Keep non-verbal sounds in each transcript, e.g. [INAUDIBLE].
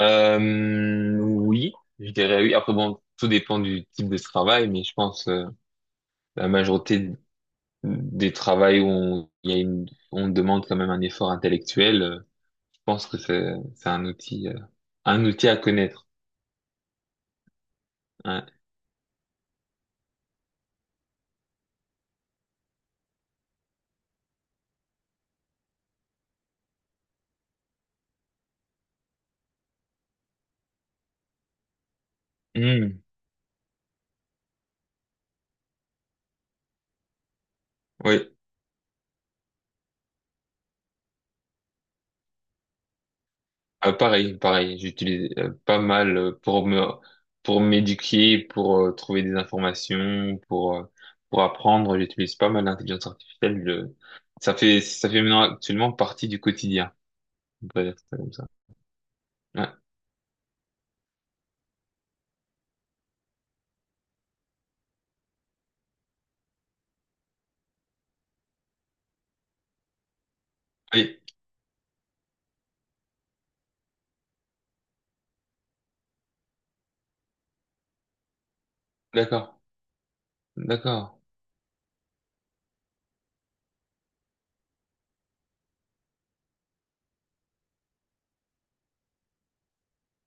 Oui, je dirais oui. Après, bon, tout dépend du type de travail, mais je pense la majorité des travails où on, il y a une, on demande quand même un effort intellectuel, je pense que c'est un outil à connaître. Hein. Hmm, oui. Pareil, pareil. J'utilise pas mal pour m'éduquer, pour trouver des informations, pour apprendre. J'utilise pas mal l'intelligence artificielle. Ça fait maintenant actuellement partie du quotidien. On peut dire ça comme ça. Ouais. Oui, d'accord, d'accord.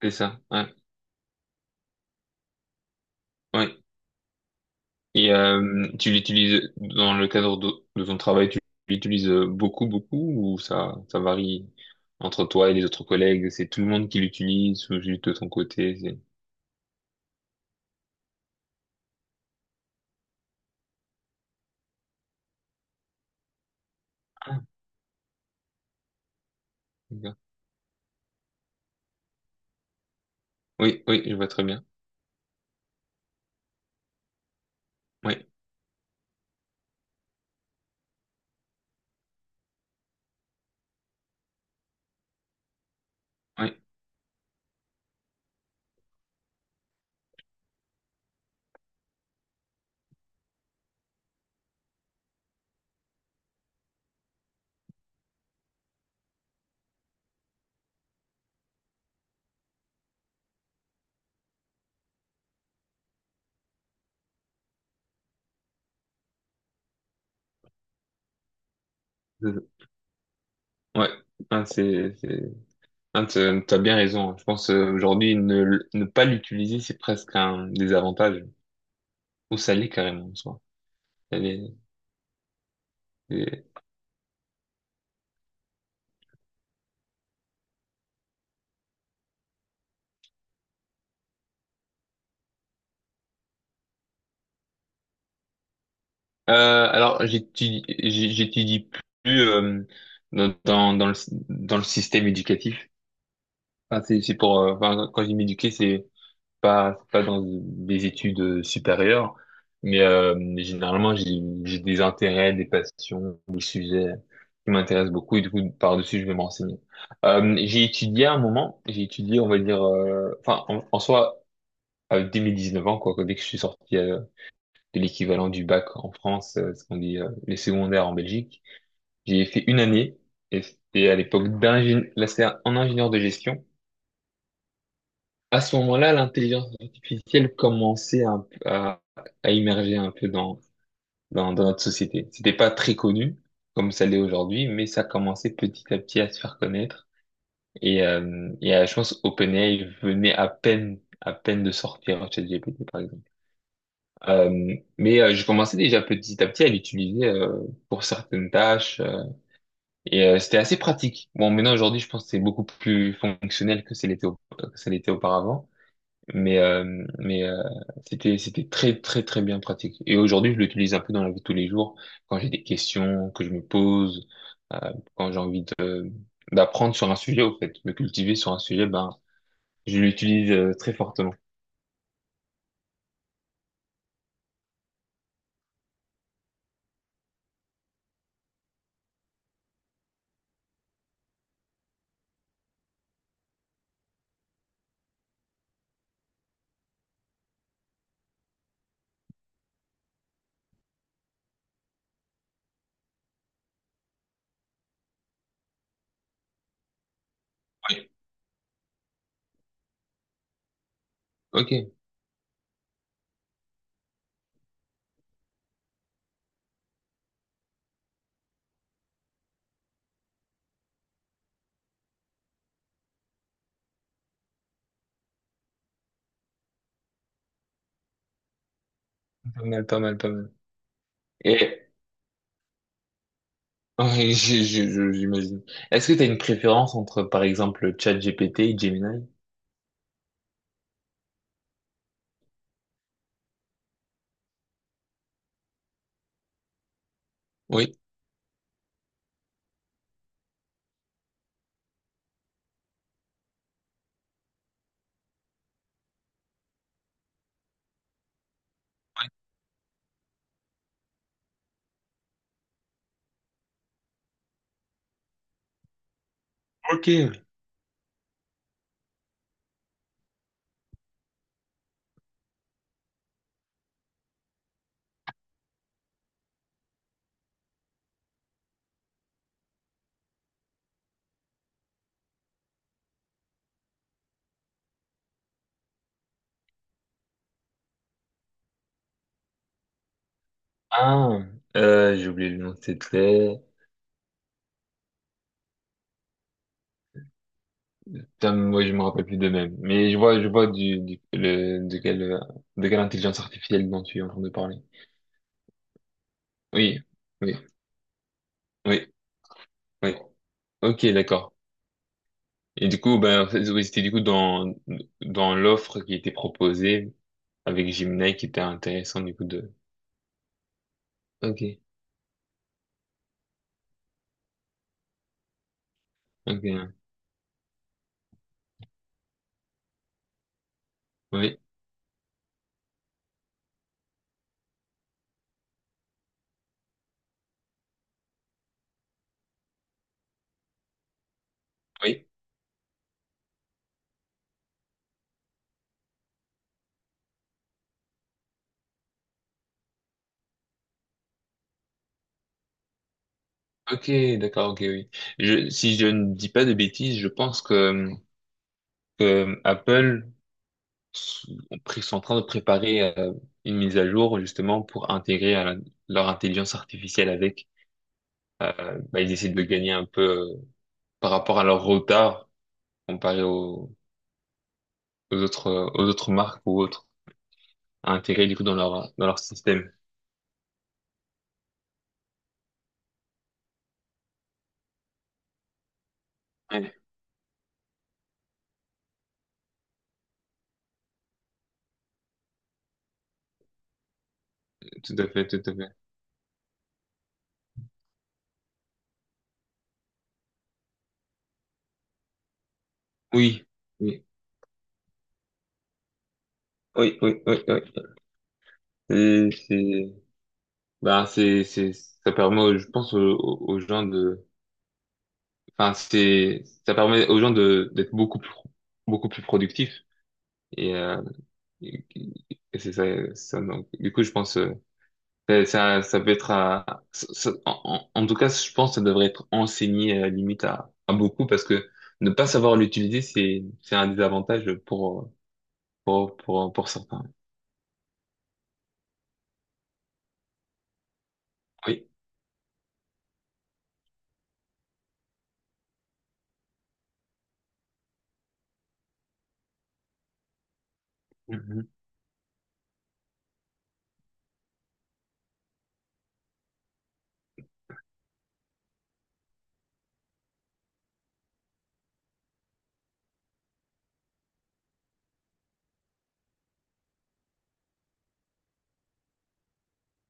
C'est ça. Ouais. Oui. Et tu l'utilises dans le cadre de ton travail, tu l'utilises beaucoup, beaucoup, ou ça varie entre toi et les autres collègues? C'est tout le monde qui l'utilise ou juste de ton côté? Ah, d'accord. Oui, oui, je vois très bien. Oui, oui, c'est ça. Ouais. Ah, c'est. Ah, t'as bien raison. Je pense aujourd'hui ne pas l'utiliser, c'est presque un désavantage. Ou ça l'est carrément en soi. Ça l'est. Euh, alors j'étudie plus dans dans dans le dans le système éducatif. Enfin, c'est pour enfin, quand je dis m'éduquer c'est pas dans des études supérieures, mais généralement j'ai des intérêts, des passions, des sujets qui m'intéressent beaucoup et du coup par-dessus je vais m'enseigner. J'ai étudié à un moment, j'ai étudié on va dire enfin en soi à dès mes 19 ans quoi dès que je suis sorti de l'équivalent du bac en France, ce qu'on dit les secondaires en Belgique. J'ai fait une année et c'était à l'époque d'ingénieur, là c'était en ingénieur de gestion. À ce moment-là, l'intelligence artificielle commençait à immerger un peu dans notre société. C'était pas très connu comme ça l'est aujourd'hui, mais ça commençait petit à petit à se faire connaître. Et je pense OpenAI venait à peine de sortir ChatGPT, par exemple. Mais je commençais déjà petit à petit à l'utiliser pour certaines tâches c'était assez pratique. Bon, maintenant aujourd'hui, je pense que c'est beaucoup plus fonctionnel que ça l'était que ça l'était auparavant, mais c'était très très très bien pratique. Et aujourd'hui, je l'utilise un peu dans la vie de tous les jours quand j'ai des questions que je me pose, quand j'ai envie d'apprendre sur un sujet au fait, me cultiver sur un sujet, ben je l'utilise très fortement. Oui. Ok, pas mal, pas mal, pas mal. Et oui, [LAUGHS] j'imagine. Est-ce que tu as une préférence entre, par exemple, ChatGPT et Gemini? Oui. Ok. Ah, j'ai oublié le nom de cette lettre. Putain, moi, je me rappelle plus de même. Mais je vois de quelle intelligence artificielle dont tu es en train de parler. Oui, oui, oui, oui. Ok, d'accord. Et du coup, ben, en fait, oui, c'était du coup dans l'offre qui était proposée avec Gemini qui était intéressant du coup de. Ok, ok, hein. Oui, oui. Ok, d'accord, ok, oui. Si je ne dis pas de bêtises, je pense que, Apple s- sont en train de préparer une mise à jour justement pour intégrer leur intelligence artificielle avec. Bah, ils essaient de gagner un peu euh, par rapport à leur retard comparé aux autres marques ou autres à intégrer du coup dans leur système. Ouais, tout à fait, tout à fait. Oui, oui, oui, oui, oui, oui. C'est- c'est- Ben, ça permet, je pense, aux gens enfin, c'est, ça permet aux gens d'être beaucoup plus productifs. Et, euh, et- et c'est ça, ça, donc, du coup, je pense, ça peut être à, ça- ça- en, en en tout cas, je pense que ça devrait être enseigné, limite à beaucoup parce que ne pas savoir l'utiliser, c'est un désavantage pour certains. Oui. Mhm.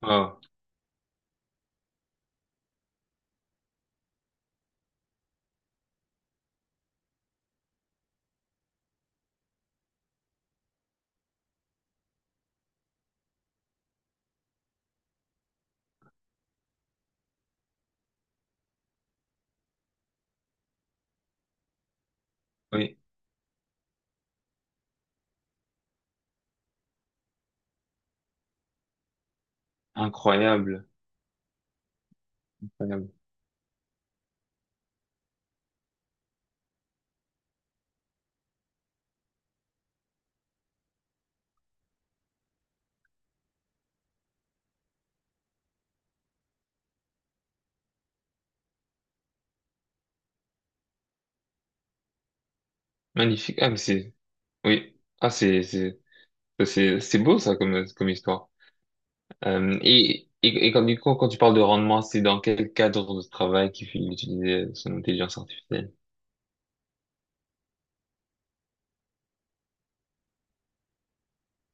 Wow. Oui. Incroyable. Incroyable. Magnifique. Ah, mais c'est, oui. Ah, c'est beau ça comme histoire. Et du coup, quand tu parles de rendement, c'est dans quel cadre de travail qu'il faut utiliser son intelligence artificielle?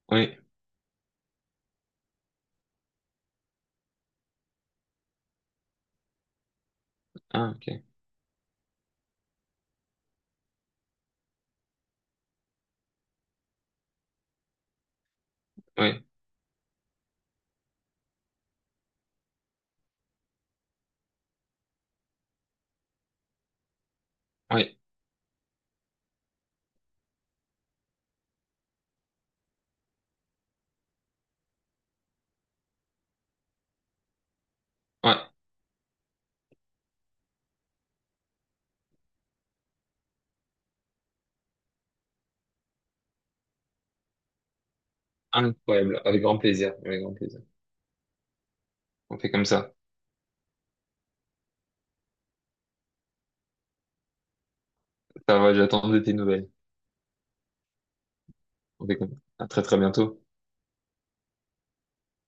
Oui, ah, ok, oui, oui, ouais, incroyable, avec grand plaisir, avec grand plaisir. On fait comme ça. Ça va, j'attends de tes nouvelles. On fait comme ça. À très très bientôt.